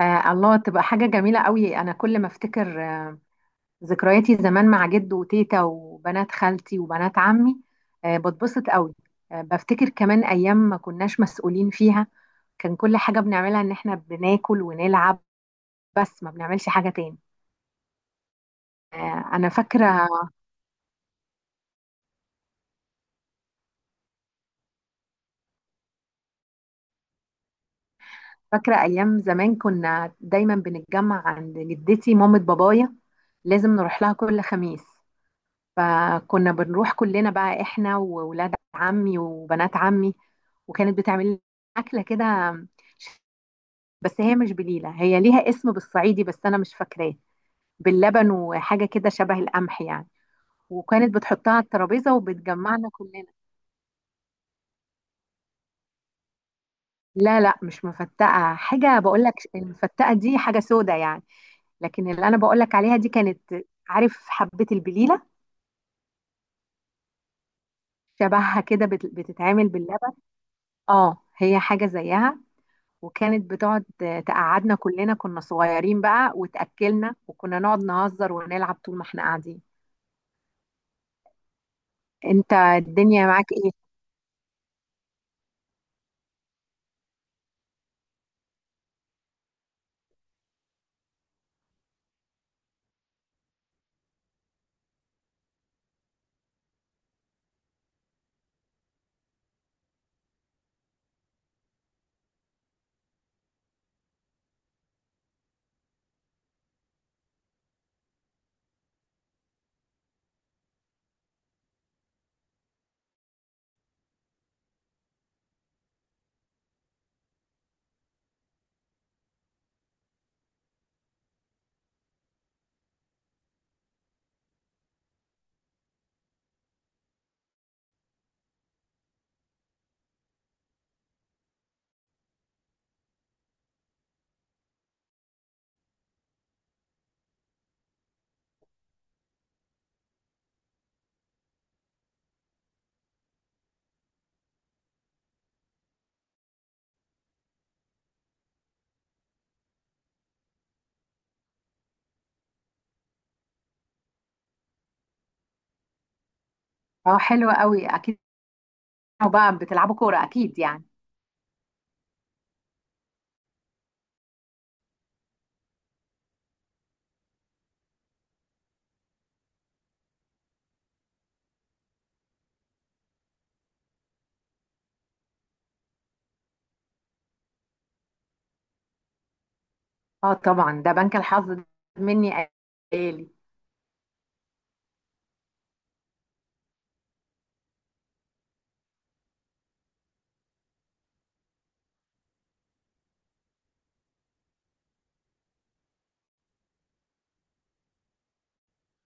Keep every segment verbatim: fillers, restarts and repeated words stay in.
آه الله تبقى حاجة جميلة قوي. أنا كل ما أفتكر آه، ذكرياتي زمان مع جد وتيتا وبنات خالتي وبنات عمي، آه بتبسط قوي. آه بفتكر كمان أيام ما كناش مسؤولين فيها. كان كل حاجة بنعملها إن إحنا بناكل ونلعب، بس ما بنعملش حاجة تاني. آه أنا فاكرة. فاكرة أيام زمان كنا دايما بنتجمع عند جدتي مامة بابايا، لازم نروح لها كل خميس. فكنا بنروح كلنا بقى احنا وولاد عمي وبنات عمي، وكانت بتعمل لنا اكله كده، بس هي مش بليله، هي ليها اسم بالصعيدي بس انا مش فاكراه. باللبن وحاجه كده شبه القمح يعني، وكانت بتحطها على الترابيزه وبتجمعنا كلنا. لا لا مش مفتقه، حاجه بقول لك، المفتقه دي حاجه سودة يعني. لكن اللي انا بقول لك عليها دي كانت، عارف حبه البليله، شبهها كده بت- بتتعمل باللبن. اه هي حاجه زيها. وكانت بتقعد، تقعدنا كلنا كنا صغيرين بقى وتأكلنا، وكنا نقعد نهزر ونلعب طول ما احنا قاعدين. انت الدنيا معاك ايه؟ اه حلوة قوي اكيد. بقى بتلعبوا كورة اكيد يعني. اه طبعا ده بنك الحظ ده، مني آلي.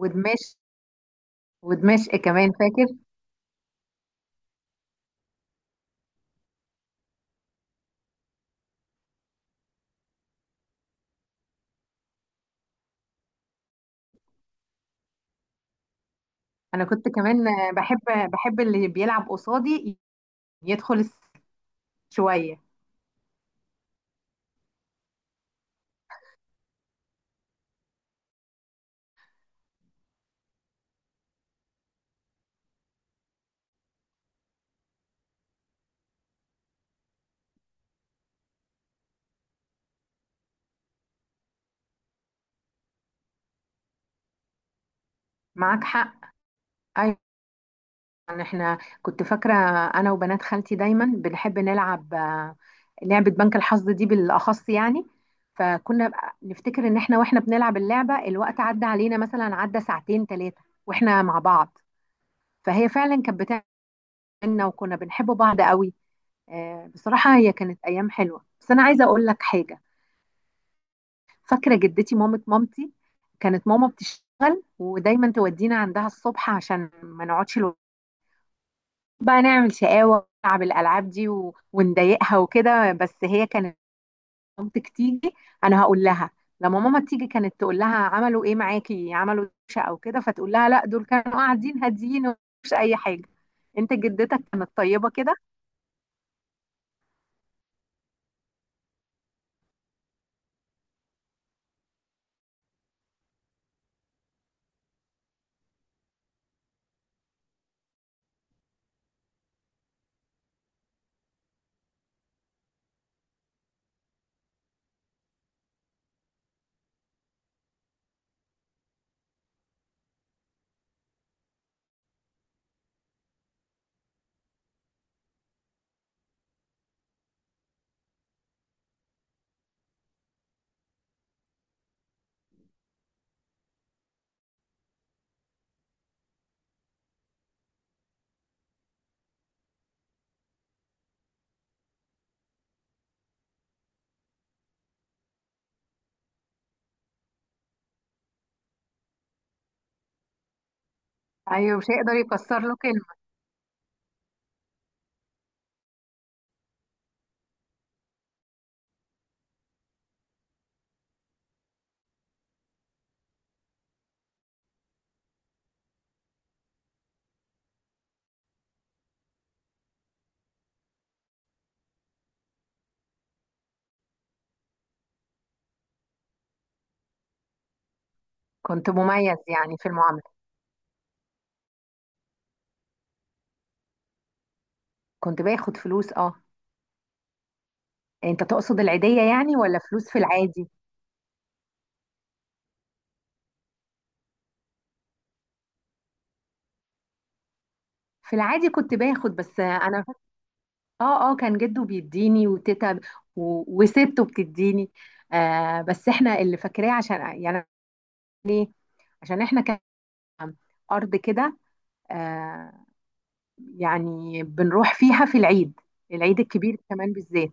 ودمشق. ودمشق كمان فاكر. انا كنت كمان بحب، بحب اللي بيلعب قصادي يدخل الس- شوية. معاك حق. أيوة. يعني احنا كنت فاكرة، انا وبنات خالتي دايما بنحب نلعب، آه، لعبة بنك الحظ دي بالاخص يعني. فكنا بقى نفتكر ان احنا واحنا بنلعب اللعبة الوقت عدى علينا مثلا، عدى ساعتين ثلاثة واحنا مع بعض. فهي فعلا كانت بتاعنا وكنا بنحب بعض قوي. آه، بصراحة هي كانت ايام حلوة، بس انا عايزة اقول لك حاجة. فاكرة جدتي مامة مامتي، كانت ماما بتشتغل ودايما تودينا عندها الصبح عشان ما نقعدش بقى نعمل شقاوة ونلعب الألعاب دي و... ونضايقها وكده، بس هي كانت، مامتك تيجي أنا هقول لها. لما ماما تيجي كانت تقول لها عملوا إيه معاكي؟ عملوا دوشة أو كده؟ فتقول لها لا، دول كانوا قاعدين هاديين ومش أي حاجة. أنت جدتك كانت طيبة كده. أيوة مش هيقدر يكسر له كلمة. كنت مميز يعني في المعاملة. كنت باخد فلوس أه. أنت تقصد العيدية يعني ولا فلوس في العادي؟ في العادي كنت باخد بس أنا. اه اه كان جده بيديني وتيتا ب- و- وسته بتديني. آه بس احنا اللي فاكراه عشان يعني، عشان احنا كان ارض كده، آه، يعني بنروح فيها في العيد. العيد الكبير كمان بالذات.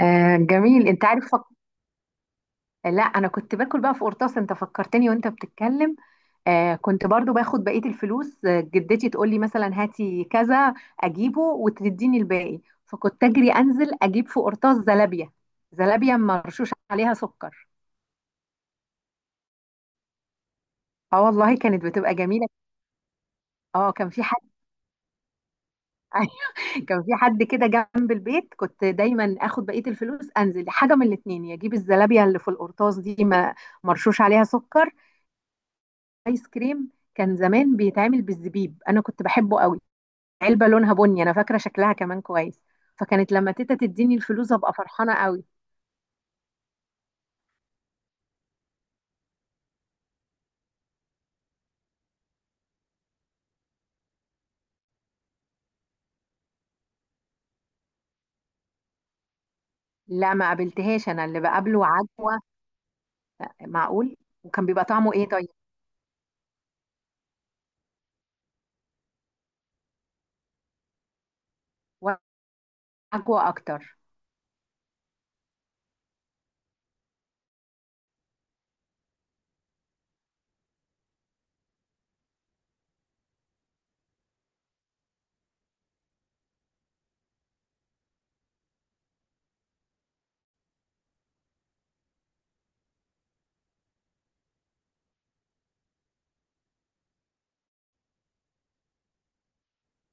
آه جميل، انت عارف فك... لا انا كنت باكل بقى في قرطاس، انت فكرتني وانت بتتكلم. آه كنت برضو باخد بقية الفلوس، آه، جدتي تقول لي مثلا هاتي كذا، أجيبه وتديني الباقي. فكنت أجري أنزل أجيب في قرطاس زلابية، زلابية مرشوش عليها سكر. اه والله كانت بتبقى جميلة. اه كان في حد. أيوة، كان في حد كده جنب البيت، كنت دايما اخد بقية الفلوس انزل حاجة من الاتنين، يا اجيب الزلابية اللي في القرطاس دي ما، مرشوش عليها سكر، ايس كريم كان زمان بيتعمل بالزبيب انا كنت بحبه قوي. علبة لونها بني انا فاكرة شكلها كمان كويس. فكانت لما تيتا تديني الفلوس ابقى فرحانة قوي. لا ما قابلتهاش، انا اللي بقابله عجوة. معقول؟ وكان بيبقى طعمه ايه طيب؟ وعجوة اكتر.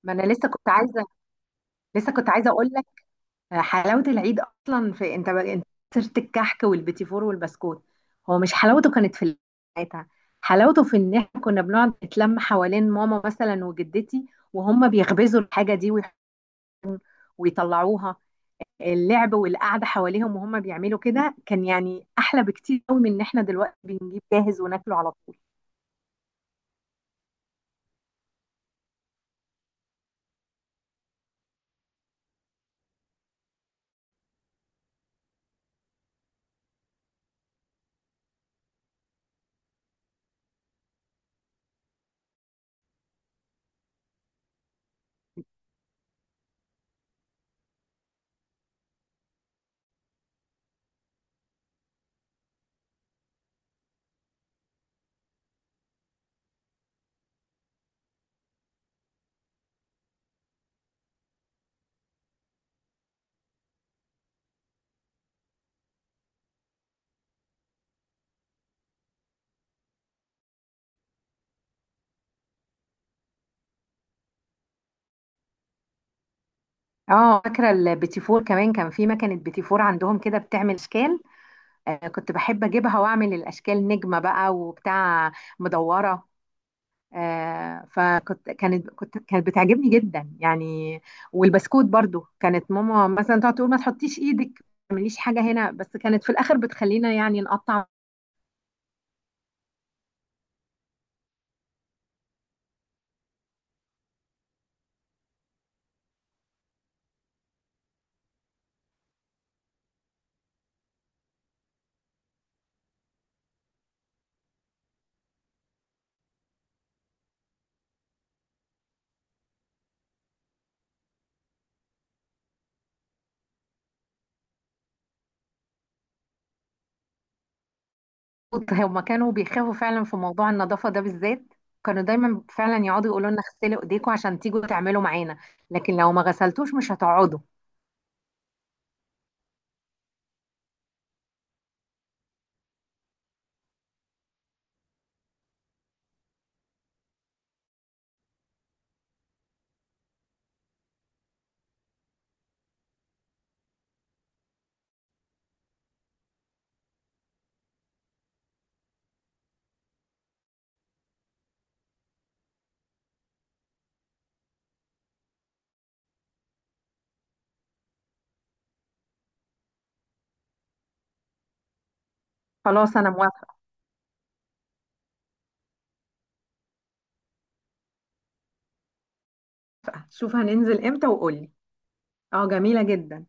ما انا لسه كنت عايزة، لسه كنت عايزة اقول لك، حلاوة العيد اصلا في، انت ب... انت سيرة الكحك والبيتي فور والبسكوت، هو مش حلاوته كانت في ساعتها. حلاوته في ان احنا كنا بنقعد نتلم حوالين ماما مثلا وجدتي، وهم بيخبزوا الحاجة دي ويح- ويطلعوها. اللعب والقعده حواليهم وهم بيعملوا كده كان يعني احلى بكتير قوي من ان احنا دلوقتي بنجيب جاهز وناكله على طول. اه فاكره البيتي فور كمان، كان في مكنه بيتي فور عندهم كده بتعمل اشكال. آه كنت بحب اجيبها واعمل الاشكال، نجمه بقى وبتاع، مدوره. آه فكنت كانت كنت كانت بتعجبني جدا يعني. والبسكوت برضو كانت ماما مثلا تقعد تقول ما تحطيش ايدك، ما تعمليش حاجه هنا، بس كانت في الاخر بتخلينا يعني نقطع. هما كانوا بيخافوا فعلا في موضوع النظافة ده بالذات. كانوا دايما فعلا يقعدوا يقولوا لنا غسلوا ايديكم عشان تيجوا تعملوا معانا، لكن لو ما غسلتوش مش هتقعدوا. خلاص انا موافقة. شوف هننزل امتى وقولي. اه جميلة جدا.